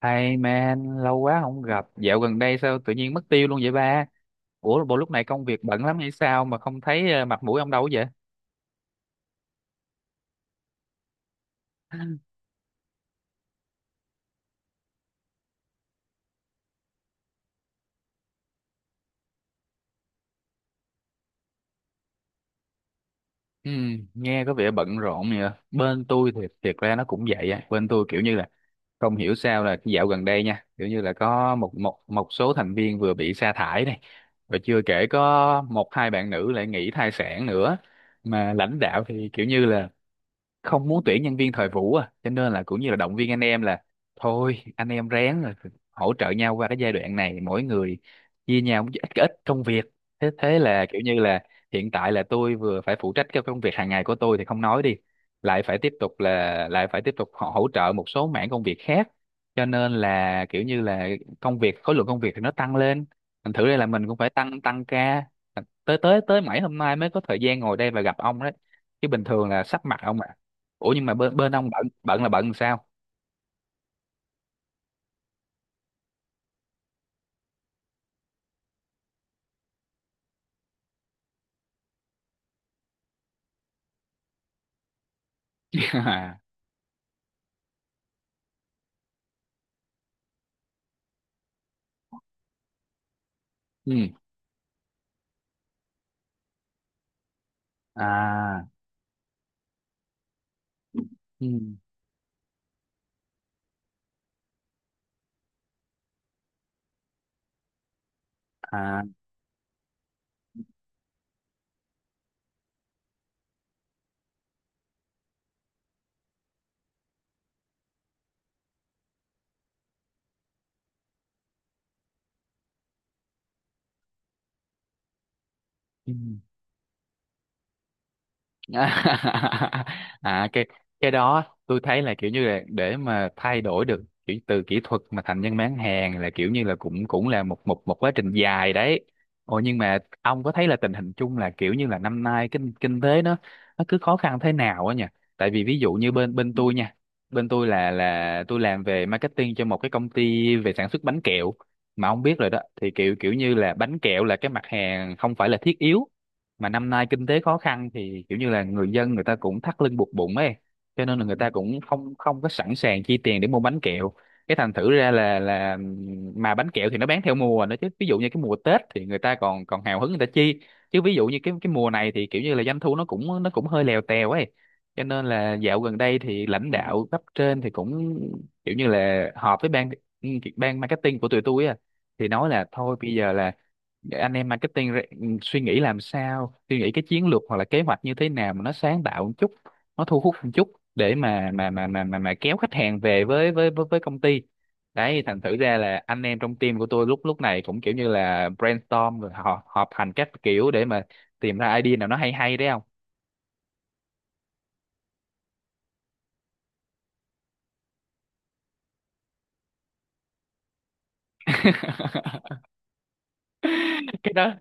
Hey man, lâu quá không gặp. Dạo gần đây sao tự nhiên mất tiêu luôn vậy ba? Ủa, bộ lúc này công việc bận lắm hay sao mà không thấy mặt mũi ông đâu vậy? Ừ, nghe có vẻ bận rộn nhỉ. Bên tôi thì thiệt ra nó cũng vậy á. Bên tôi kiểu như là không hiểu sao là dạo gần đây nha, kiểu như là có một một một số thành viên vừa bị sa thải này, rồi chưa kể có một hai bạn nữ lại nghỉ thai sản nữa. Mà lãnh đạo thì kiểu như là không muốn tuyển nhân viên thời vụ à, cho nên là cũng như là động viên anh em là thôi anh em ráng, rồi hỗ trợ nhau qua cái giai đoạn này, mỗi người chia nhau một ít ít công việc. Thế thế là kiểu như là hiện tại là tôi vừa phải phụ trách cái công việc hàng ngày của tôi thì không nói đi, lại phải tiếp tục là lại phải tiếp tục họ hỗ trợ một số mảng công việc khác, cho nên là kiểu như là công việc khối lượng công việc thì nó tăng lên, thành thử đây là mình cũng phải tăng tăng ca, tới tới tới mãi hôm nay mới có thời gian ngồi đây và gặp ông đấy, chứ bình thường là sắp mặt ông ạ. Ủa nhưng mà bên bên ông bận bận là bận sao? À, ừ. À, ừ. À, ừ. À, cái đó tôi thấy là kiểu như là để mà thay đổi được kiểu từ kỹ thuật mà thành nhân bán hàng là kiểu như là cũng cũng là một một một quá trình dài đấy. Ồ, nhưng mà ông có thấy là tình hình chung là kiểu như là năm nay kinh kinh tế nó cứ khó khăn thế nào á nhỉ? Tại vì ví dụ như bên bên tôi nha, bên tôi là tôi làm về marketing cho một cái công ty về sản xuất bánh kẹo. Mà ông biết rồi đó, thì kiểu kiểu như là bánh kẹo là cái mặt hàng không phải là thiết yếu, mà năm nay kinh tế khó khăn thì kiểu như là người dân, người ta cũng thắt lưng buộc bụng ấy, cho nên là người ta cũng không không có sẵn sàng chi tiền để mua bánh kẹo. Cái thành thử ra là mà bánh kẹo thì nó bán theo mùa nữa, chứ ví dụ như cái mùa Tết thì người ta còn còn hào hứng, người ta chi, chứ ví dụ như cái mùa này thì kiểu như là doanh thu nó cũng hơi lèo tèo ấy. Cho nên là dạo gần đây thì lãnh đạo cấp trên thì cũng kiểu như là họp với ban ban marketing của tụi tôi á, thì nói là thôi bây giờ là anh em marketing suy nghĩ làm sao, suy nghĩ cái chiến lược hoặc là kế hoạch như thế nào mà nó sáng tạo một chút, nó thu hút một chút để mà kéo khách hàng về với công ty. Đấy, thành thử ra là anh em trong team của tôi lúc lúc này cũng kiểu như là brainstorm rồi họ họp hành các kiểu để mà tìm ra idea nào nó hay hay đấy không. Cái đó.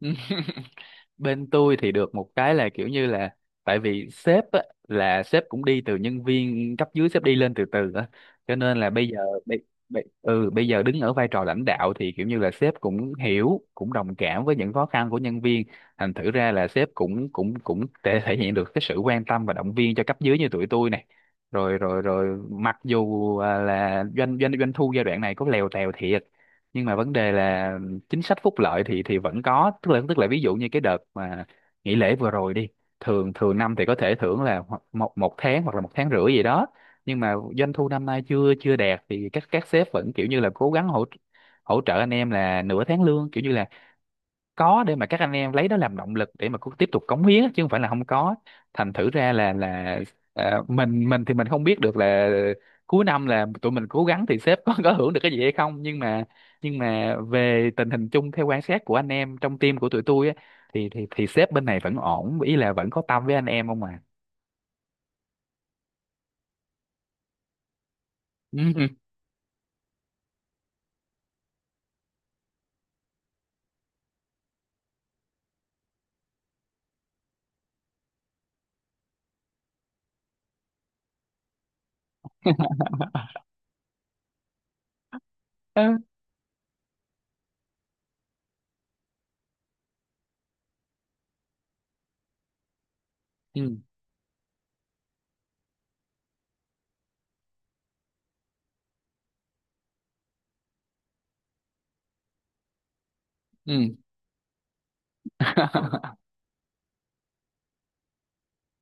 Ừ. Bên tôi thì được một cái là kiểu như là tại vì sếp á, là sếp cũng đi từ nhân viên cấp dưới, sếp đi lên từ từ á, cho nên là bây giờ bây, bây, ừ bây giờ đứng ở vai trò lãnh đạo thì kiểu như là sếp cũng hiểu, cũng đồng cảm với những khó khăn của nhân viên, thành thử ra là sếp cũng cũng cũng thể thể hiện được cái sự quan tâm và động viên cho cấp dưới như tụi tôi này, rồi rồi rồi mặc dù là doanh doanh doanh thu giai đoạn này có lèo tèo thiệt, nhưng mà vấn đề là chính sách phúc lợi thì vẫn có, tức là ví dụ như cái đợt mà nghỉ lễ vừa rồi đi, thường thường năm thì có thể thưởng là một một tháng hoặc là một tháng rưỡi gì đó, nhưng mà doanh thu năm nay chưa chưa đạt thì các sếp vẫn kiểu như là cố gắng hỗ hỗ trợ anh em là nửa tháng lương, kiểu như là có để mà các anh em lấy đó làm động lực để mà cứ tiếp tục cống hiến á, chứ không phải là không có. Thành thử ra là mình thì mình không biết được là cuối năm là tụi mình cố gắng thì sếp có hưởng được cái gì hay không, nhưng mà về tình hình chung theo quan sát của anh em trong team của tụi tôi á, thì thì sếp bên này vẫn ổn, ý là vẫn có tâm với anh em không à. Ừ. Ừ. Ừ. Ừ.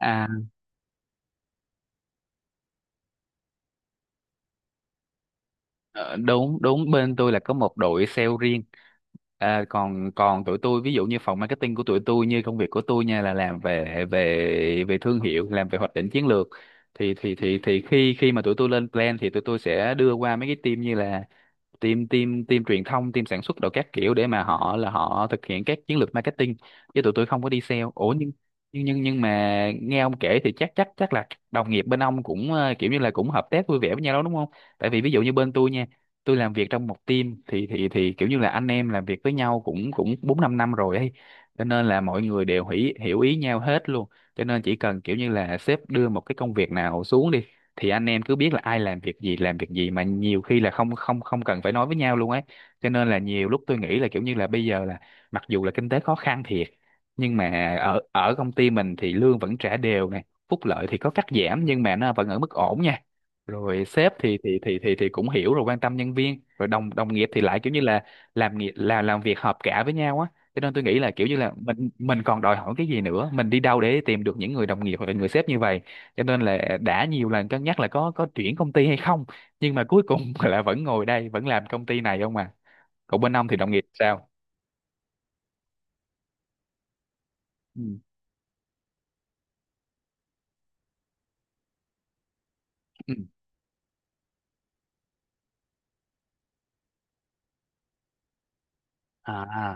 À. Ờ, đúng đúng, bên tôi là có một đội sale riêng. À, còn còn tụi tôi ví dụ như phòng marketing của tụi tôi, như công việc của tôi nha là làm về về về thương hiệu, làm về hoạch định chiến lược, thì thì khi khi mà tụi tôi lên plan thì tụi tôi sẽ đưa qua mấy cái team như là team team team truyền thông, team sản xuất đồ các kiểu, để mà họ thực hiện các chiến lược marketing, chứ tụi tôi không có đi sale. Ủa nhưng mà nghe ông kể thì chắc chắc chắc là đồng nghiệp bên ông cũng kiểu như là cũng hợp tác vui vẻ với nhau đó đúng không? Tại vì ví dụ như bên tôi nha, tôi làm việc trong một team thì thì kiểu như là anh em làm việc với nhau cũng cũng bốn năm năm rồi ấy, cho nên là mọi người đều hiểu hiểu ý nhau hết luôn, cho nên chỉ cần kiểu như là sếp đưa một cái công việc nào xuống đi thì anh em cứ biết là ai làm việc gì, làm việc gì mà nhiều khi là không không không cần phải nói với nhau luôn ấy. Cho nên là nhiều lúc tôi nghĩ là kiểu như là bây giờ là mặc dù là kinh tế khó khăn thiệt, nhưng mà ở ở công ty mình thì lương vẫn trả đều này, phúc lợi thì có cắt giảm nhưng mà nó vẫn ở mức ổn nha, rồi sếp thì thì cũng hiểu, rồi quan tâm nhân viên, rồi đồng đồng nghiệp thì lại kiểu như là làm nghiệp là làm việc hợp cả với nhau á, cho nên tôi nghĩ là kiểu như là mình còn đòi hỏi cái gì nữa, mình đi đâu để tìm được những người đồng nghiệp hoặc là người sếp như vậy? Cho nên là đã nhiều lần cân nhắc là có chuyển công ty hay không, nhưng mà cuối cùng là vẫn ngồi đây vẫn làm công ty này không à. Còn bên ông thì đồng nghiệp sao? Ừ. Ừ. À. À.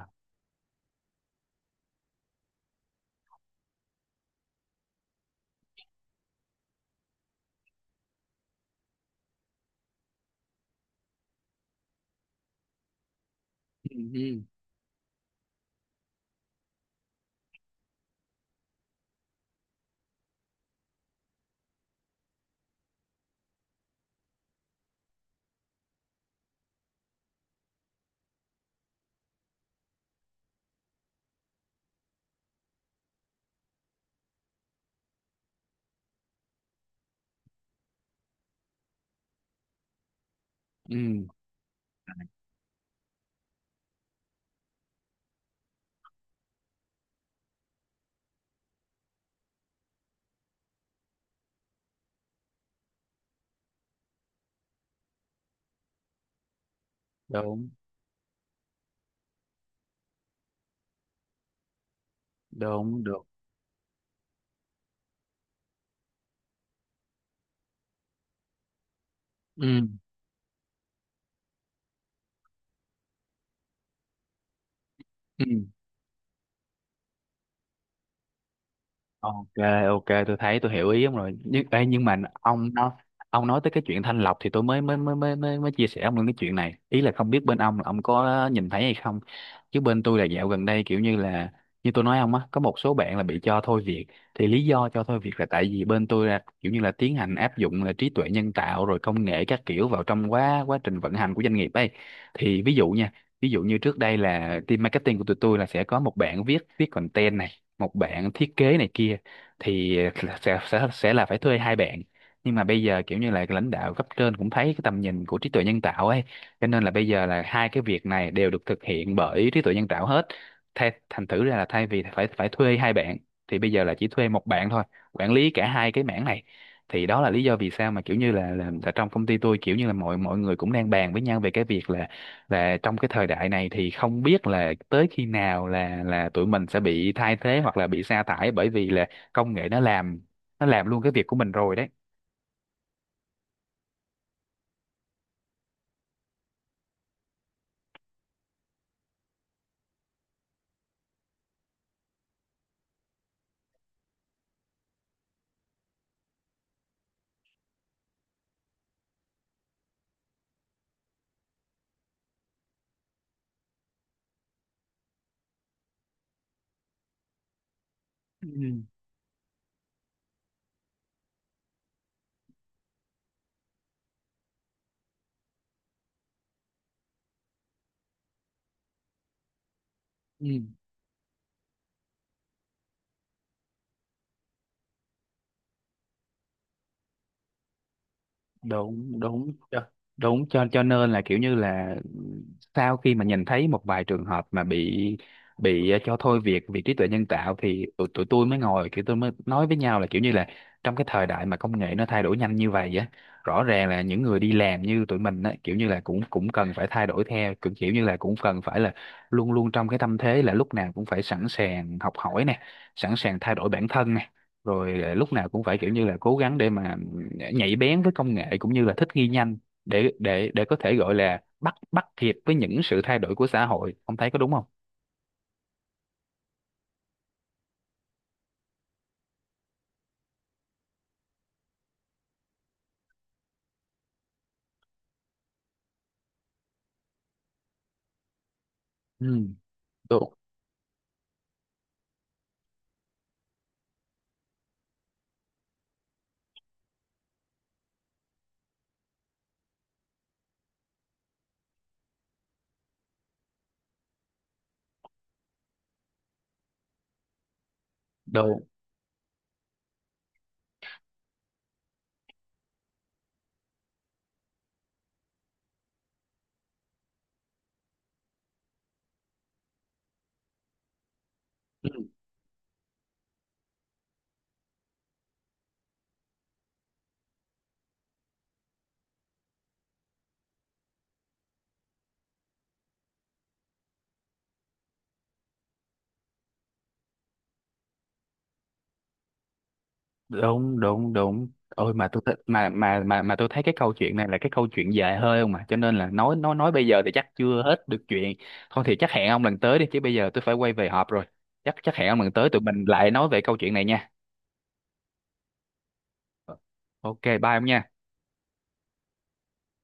Ừ. Ừ. Ừ. Đúng. Đúng. Đúng. Ừ. Ừ. Ok, ok, tôi thấy tôi hiểu ý ông rồi. Nhưng ê, nhưng mà ông nói tới cái chuyện thanh lọc thì tôi mới mới mới mới mới, mới chia sẻ ông luôn cái chuyện này. Ý là không biết bên ông là ông có nhìn thấy hay không. Chứ bên tôi là dạo gần đây kiểu như là, như tôi nói ông á, có một số bạn là bị cho thôi việc. Thì lý do cho thôi việc là tại vì bên tôi là kiểu như là tiến hành áp dụng là trí tuệ nhân tạo rồi công nghệ các kiểu vào trong quá quá trình vận hành của doanh nghiệp ấy. Thì ví dụ nha, ví dụ như trước đây là team marketing của tụi tôi là sẽ có một bạn viết viết content này, một bạn thiết kế này kia, thì sẽ là phải thuê hai bạn, nhưng mà bây giờ kiểu như là lãnh đạo cấp trên cũng thấy cái tầm nhìn của trí tuệ nhân tạo ấy, cho nên là bây giờ là hai cái việc này đều được thực hiện bởi trí tuệ nhân tạo hết, thành thử ra là thay vì phải phải thuê hai bạn thì bây giờ là chỉ thuê một bạn thôi, quản lý cả hai cái mảng này. Thì đó là lý do vì sao mà kiểu như là trong công ty tôi kiểu như là mọi mọi người cũng đang bàn với nhau về cái việc là trong cái thời đại này thì không biết là tới khi nào là tụi mình sẽ bị thay thế hoặc là bị sa thải, bởi vì là công nghệ nó làm luôn cái việc của mình rồi đấy. Ừ. Ừ. Đúng đúng. Đúng, cho nên là kiểu như là sau khi mà nhìn thấy một vài trường hợp mà bị cho thôi việc vì trí tuệ nhân tạo, thì tụi tôi mới ngồi kiểu, tôi mới nói với nhau là kiểu như là trong cái thời đại mà công nghệ nó thay đổi nhanh như vậy á, rõ ràng là những người đi làm như tụi mình á, kiểu như là cũng cũng cần phải thay đổi theo, cũng kiểu như là cũng cần phải là luôn luôn trong cái tâm thế là lúc nào cũng phải sẵn sàng học hỏi nè, sẵn sàng thay đổi bản thân nè, rồi lúc nào cũng phải kiểu như là cố gắng để mà nhạy bén với công nghệ, cũng như là thích nghi nhanh để có thể gọi là bắt bắt kịp với những sự thay đổi của xã hội. Ông thấy có đúng không? Ừ. Đúng. Đúng. Đúng. Đúng. Đúng. Ôi mà tôi thích mà tôi thấy cái câu chuyện này là cái câu chuyện dài hơi không mà, cho nên là nói bây giờ thì chắc chưa hết được chuyện. Thôi thì chắc hẹn ông lần tới đi, chứ bây giờ tôi phải quay về họp rồi. Chắc chắc hẹn ông lần tới, tụi mình lại nói về câu chuyện này nha. Ok, bye ông nha.